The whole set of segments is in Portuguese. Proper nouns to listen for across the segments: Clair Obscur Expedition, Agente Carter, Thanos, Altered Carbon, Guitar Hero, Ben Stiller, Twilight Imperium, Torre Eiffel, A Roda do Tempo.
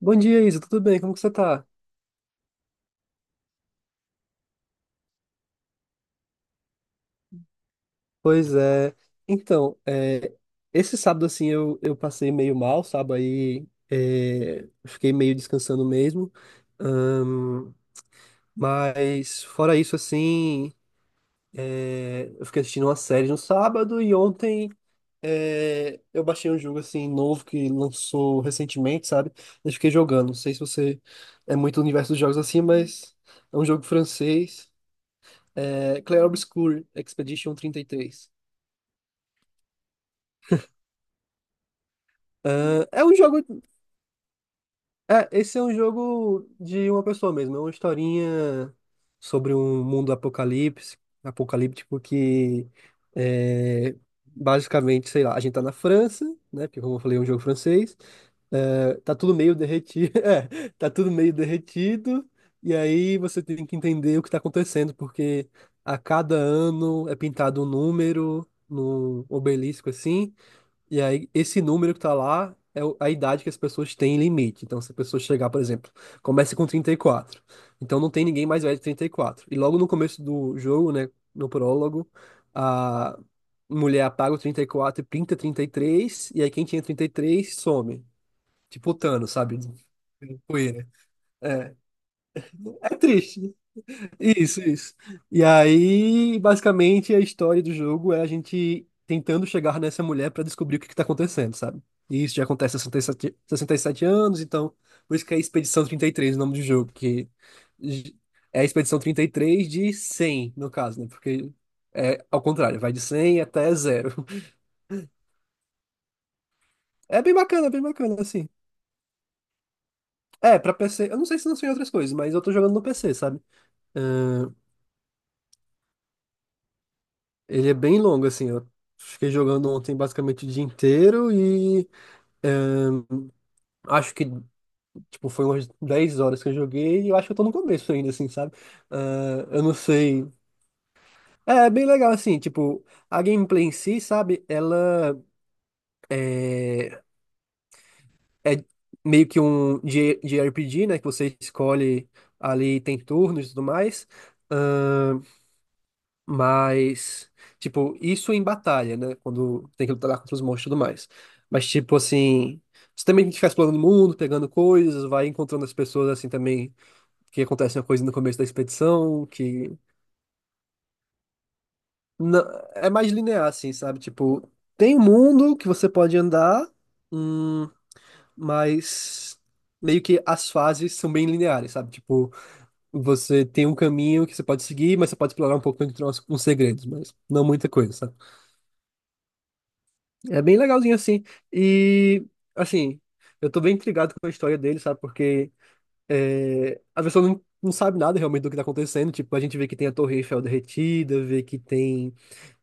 Bom dia, Isa. Tudo bem? Como que você tá? Pois é. Então, esse sábado, assim, eu passei meio mal, sabe? Aí fiquei meio descansando mesmo. Ahn, mas, fora isso, assim, eu fiquei assistindo uma série no sábado e ontem, eu baixei um jogo, assim, novo que lançou recentemente, sabe? Eu fiquei jogando. Não sei se você é muito do universo dos jogos assim, mas é um jogo francês. Clair Obscur Expedition 33. É um jogo. Esse é um jogo de uma pessoa mesmo. É uma historinha sobre um mundo apocalíptico que é, basicamente, sei lá, a gente tá na França, né? Porque como eu falei, é um jogo francês. Tá tudo meio derretido. Tá tudo meio derretido. E aí você tem que entender o que tá acontecendo, porque a cada ano é pintado um número no obelisco assim. E aí, esse número que tá lá é a idade que as pessoas têm limite. Então, se a pessoa chegar, por exemplo, começa com 34. Então, não tem ninguém mais velho de 34, e logo no começo do jogo, né, no prólogo, a mulher apaga o 34 e pinta 33, e aí, quem tinha 33 some. Tipo o Thanos, sabe? Poeira. É, é triste. Isso, isso. E aí, basicamente, a história do jogo é a gente tentando chegar nessa mulher pra descobrir o que que tá acontecendo, sabe? E isso já acontece há 67 anos, então por isso que é Expedição 33 o nome do jogo, que j- é a Expedição 33 de 100 no caso, né? Porque é ao contrário, vai de 100 até zero. É bem bacana, assim. Pra PC, eu não sei se lançou em outras coisas, mas eu tô jogando no PC, sabe? Ele é bem longo, assim. Eu fiquei jogando ontem basicamente o dia inteiro e, é, acho que, tipo, foi umas 10 horas que eu joguei, e eu acho que eu tô no começo ainda, assim, sabe? Ah, eu não sei. É bem legal, assim, tipo, a gameplay em si, sabe? Ela é meio que um JRPG, né? Que você escolhe ali, tem turnos e tudo mais. Ah, mas, tipo, isso em batalha, né? Quando tem que lutar lá contra os monstros e tudo mais. Mas, tipo, assim, você também tem que ficar explorando o mundo, pegando coisas, vai encontrando as pessoas, assim, também, que acontece uma coisa no começo da expedição, que na- é mais linear, assim, sabe? Tipo, tem um mundo que você pode andar, hum, mas meio que as fases são bem lineares, sabe? Tipo, você tem um caminho que você pode seguir, mas você pode explorar um pouco, encontrar uns segredos, mas não muita coisa, sabe? É bem legalzinho assim. E, assim, eu tô bem intrigado com a história dele, sabe? Porque a pessoa não, não sabe nada realmente do que tá acontecendo. Tipo, a gente vê que tem a Torre Eiffel derretida, vê que tem,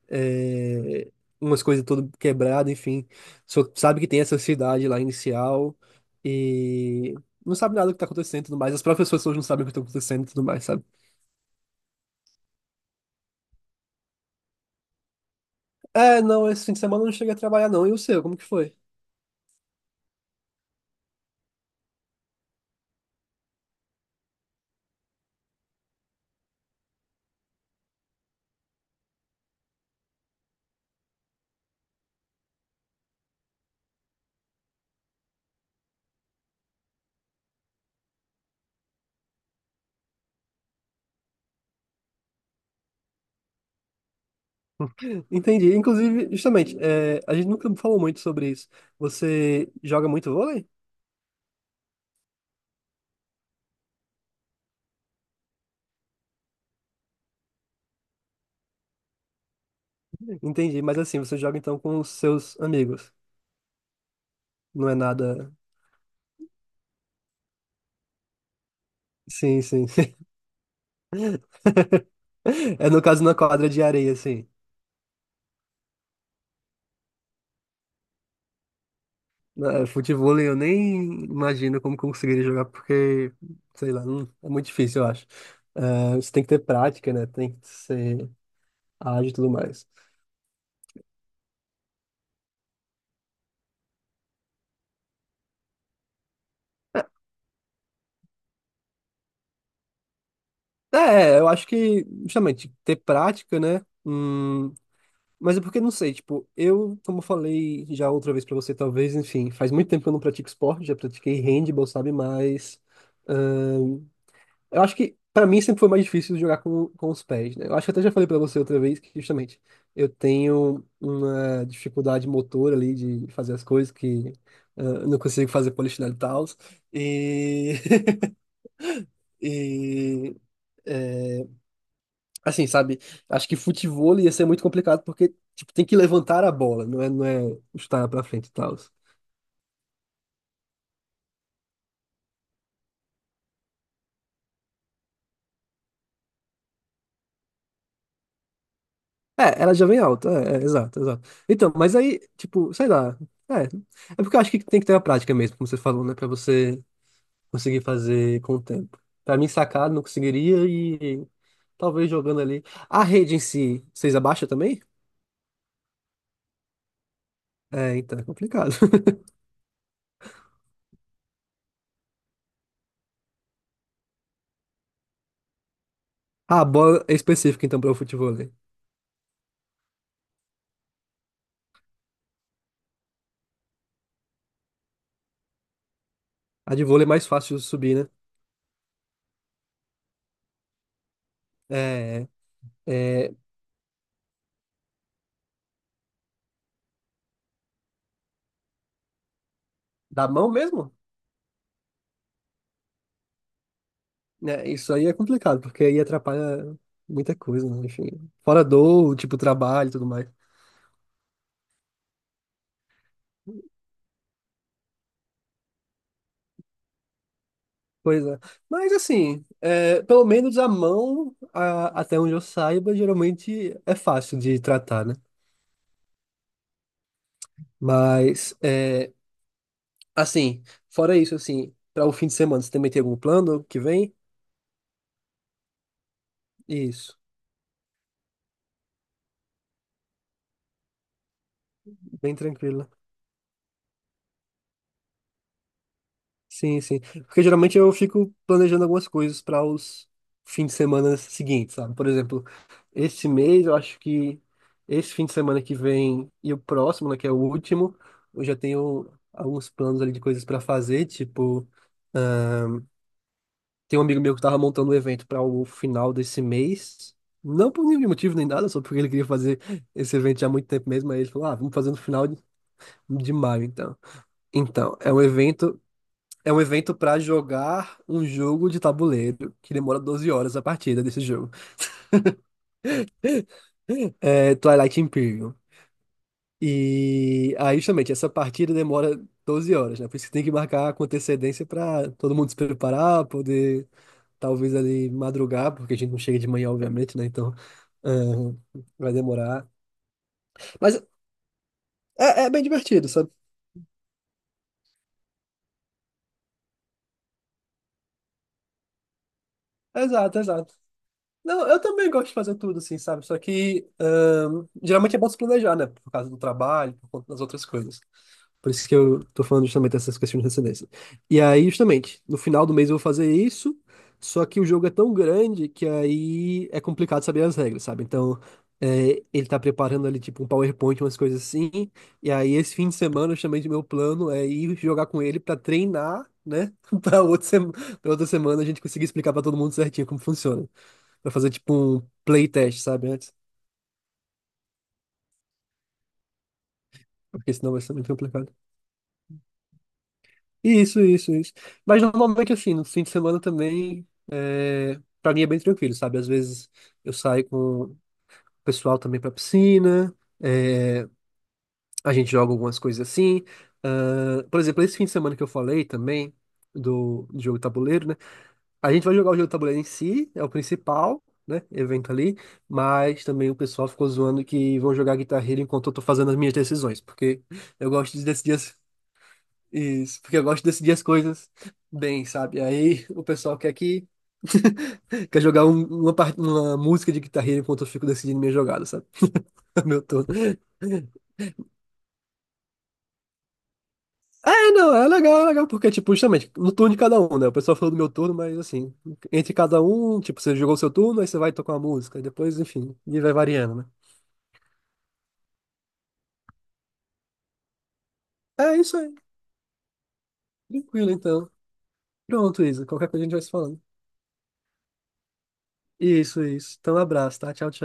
é, umas coisas todas quebradas, enfim. Só sabe que tem essa cidade lá inicial, e não sabe nada do que tá acontecendo e tudo mais. As próprias pessoas não sabem o que tá acontecendo e tudo mais, sabe? É, não, esse fim de semana eu não cheguei a trabalhar, não. E o seu, como que foi? Entendi. Inclusive, justamente, a gente nunca falou muito sobre isso. Você joga muito vôlei? Entendi, mas assim, você joga então com os seus amigos. Não é nada. Sim, sim. É no caso na quadra de areia, assim. Futevôlei eu nem imagino como conseguiria jogar, porque, sei lá, é muito difícil, eu acho. É, você tem que ter prática, né? Tem que ser ágil e tudo mais. É, é, eu acho que, justamente, ter prática, né? Mas é porque não sei, tipo, eu, como eu falei já outra vez pra você, talvez, enfim, faz muito tempo que eu não pratico esporte, já pratiquei handball, sabe? Mas ahn, eu acho que pra mim sempre foi mais difícil jogar com, os pés, né? Eu acho que até já falei pra você outra vez que justamente eu tenho uma dificuldade motora ali de fazer as coisas que, ah, eu não consigo fazer polichinelo e tal. E, e é, Assim, sabe? Acho que futevôlei ia ser muito complicado porque, tipo, tem que levantar a bola, não é, não é chutar pra frente e tal. É, ela já vem alta, é, é, exato, exato. Então, mas aí, tipo, sei lá. É, é porque eu acho que tem que ter a prática mesmo, como você falou, né? Pra você conseguir fazer com o tempo. Pra mim, sacar, não conseguiria, e talvez jogando ali. A rede em si, vocês abaixam também? Então é complicado. Ah, a bola é específica, então, para o futevôlei. A de vôlei é mais fácil de subir, né? É, é, da mão mesmo? Isso aí é complicado, porque aí atrapalha muita coisa, né? Enfim. Fora dor, tipo, trabalho e tudo mais. Pois é. Mas assim, pelo menos a mão, até onde eu saiba, geralmente é fácil de tratar, né? Mas, assim, fora isso, assim, para o fim de semana, você também tem algum plano que vem? Isso, bem tranquilo. Sim, sim. Porque geralmente eu fico planejando algumas coisas para os fins de semana seguintes, sabe? Por exemplo, esse mês eu acho que esse fim de semana que vem e o próximo, né, que é o último, eu já tenho alguns planos ali de coisas para fazer. Tipo, tem um amigo meu que tava montando um evento para o final desse mês. Não por nenhum motivo nem nada, só porque ele queria fazer esse evento já há muito tempo mesmo. Aí ele falou: ah, vamos fazer no final de maio, então. Então, é um evento. É um evento pra jogar um jogo de tabuleiro que demora 12 horas a partida desse jogo. É Twilight Imperium. E aí, justamente, essa partida demora 12 horas, né? Por isso que tem que marcar com antecedência pra todo mundo se preparar, poder talvez ali madrugar, porque a gente não chega de manhã, obviamente, né? Então, ah, vai demorar. Mas é bem divertido, sabe? Exato, exato. Não, eu também gosto de fazer tudo, assim, sabe? Só que, ah, geralmente é bom se planejar, né? Por causa do trabalho, por conta das outras coisas. Por isso que eu tô falando justamente dessas questões de transcendência. E aí, justamente, no final do mês eu vou fazer isso, só que o jogo é tão grande que aí é complicado saber as regras, sabe? Então, ele tá preparando ali, tipo, um PowerPoint, umas coisas assim. E aí, esse fim de semana, justamente, meu plano é ir jogar com ele pra treinar, né? Pra outra, sema- pra outra semana a gente conseguir explicar pra todo mundo certinho como funciona. Pra fazer, tipo, um playtest, sabe? Antes. Porque senão vai ser muito complicado. Isso, isso, isso. Mas normalmente, assim, no fim de semana também, pra mim é bem tranquilo, sabe? Às vezes eu saio com o pessoal também pra piscina, é, a gente joga algumas coisas assim. Ah, por exemplo, esse fim de semana que eu falei também, do jogo de tabuleiro, né? A gente vai jogar o jogo de tabuleiro em si, é o principal, né? Evento ali, mas também o pessoal ficou zoando que vão jogar guitarra Hero enquanto eu tô fazendo as minhas decisões, porque eu gosto de decidir isso, porque eu gosto de decidir as coisas bem, sabe? Aí o pessoal quer que quer jogar uma música de Guitar Hero enquanto eu fico decidindo minha jogada, sabe? Meu turno. É, não, é legal, porque, tipo, justamente, no turno de cada um, né? O pessoal falou do meu turno, mas assim, entre cada um, tipo, você jogou o seu turno, aí você vai tocar uma música, e depois, enfim, e vai variando, né? É isso aí. Tranquilo, então. Pronto, Isa. Qualquer coisa a gente vai se falando. Isso, isso. Então, abraço, tá? Tchau, tchau.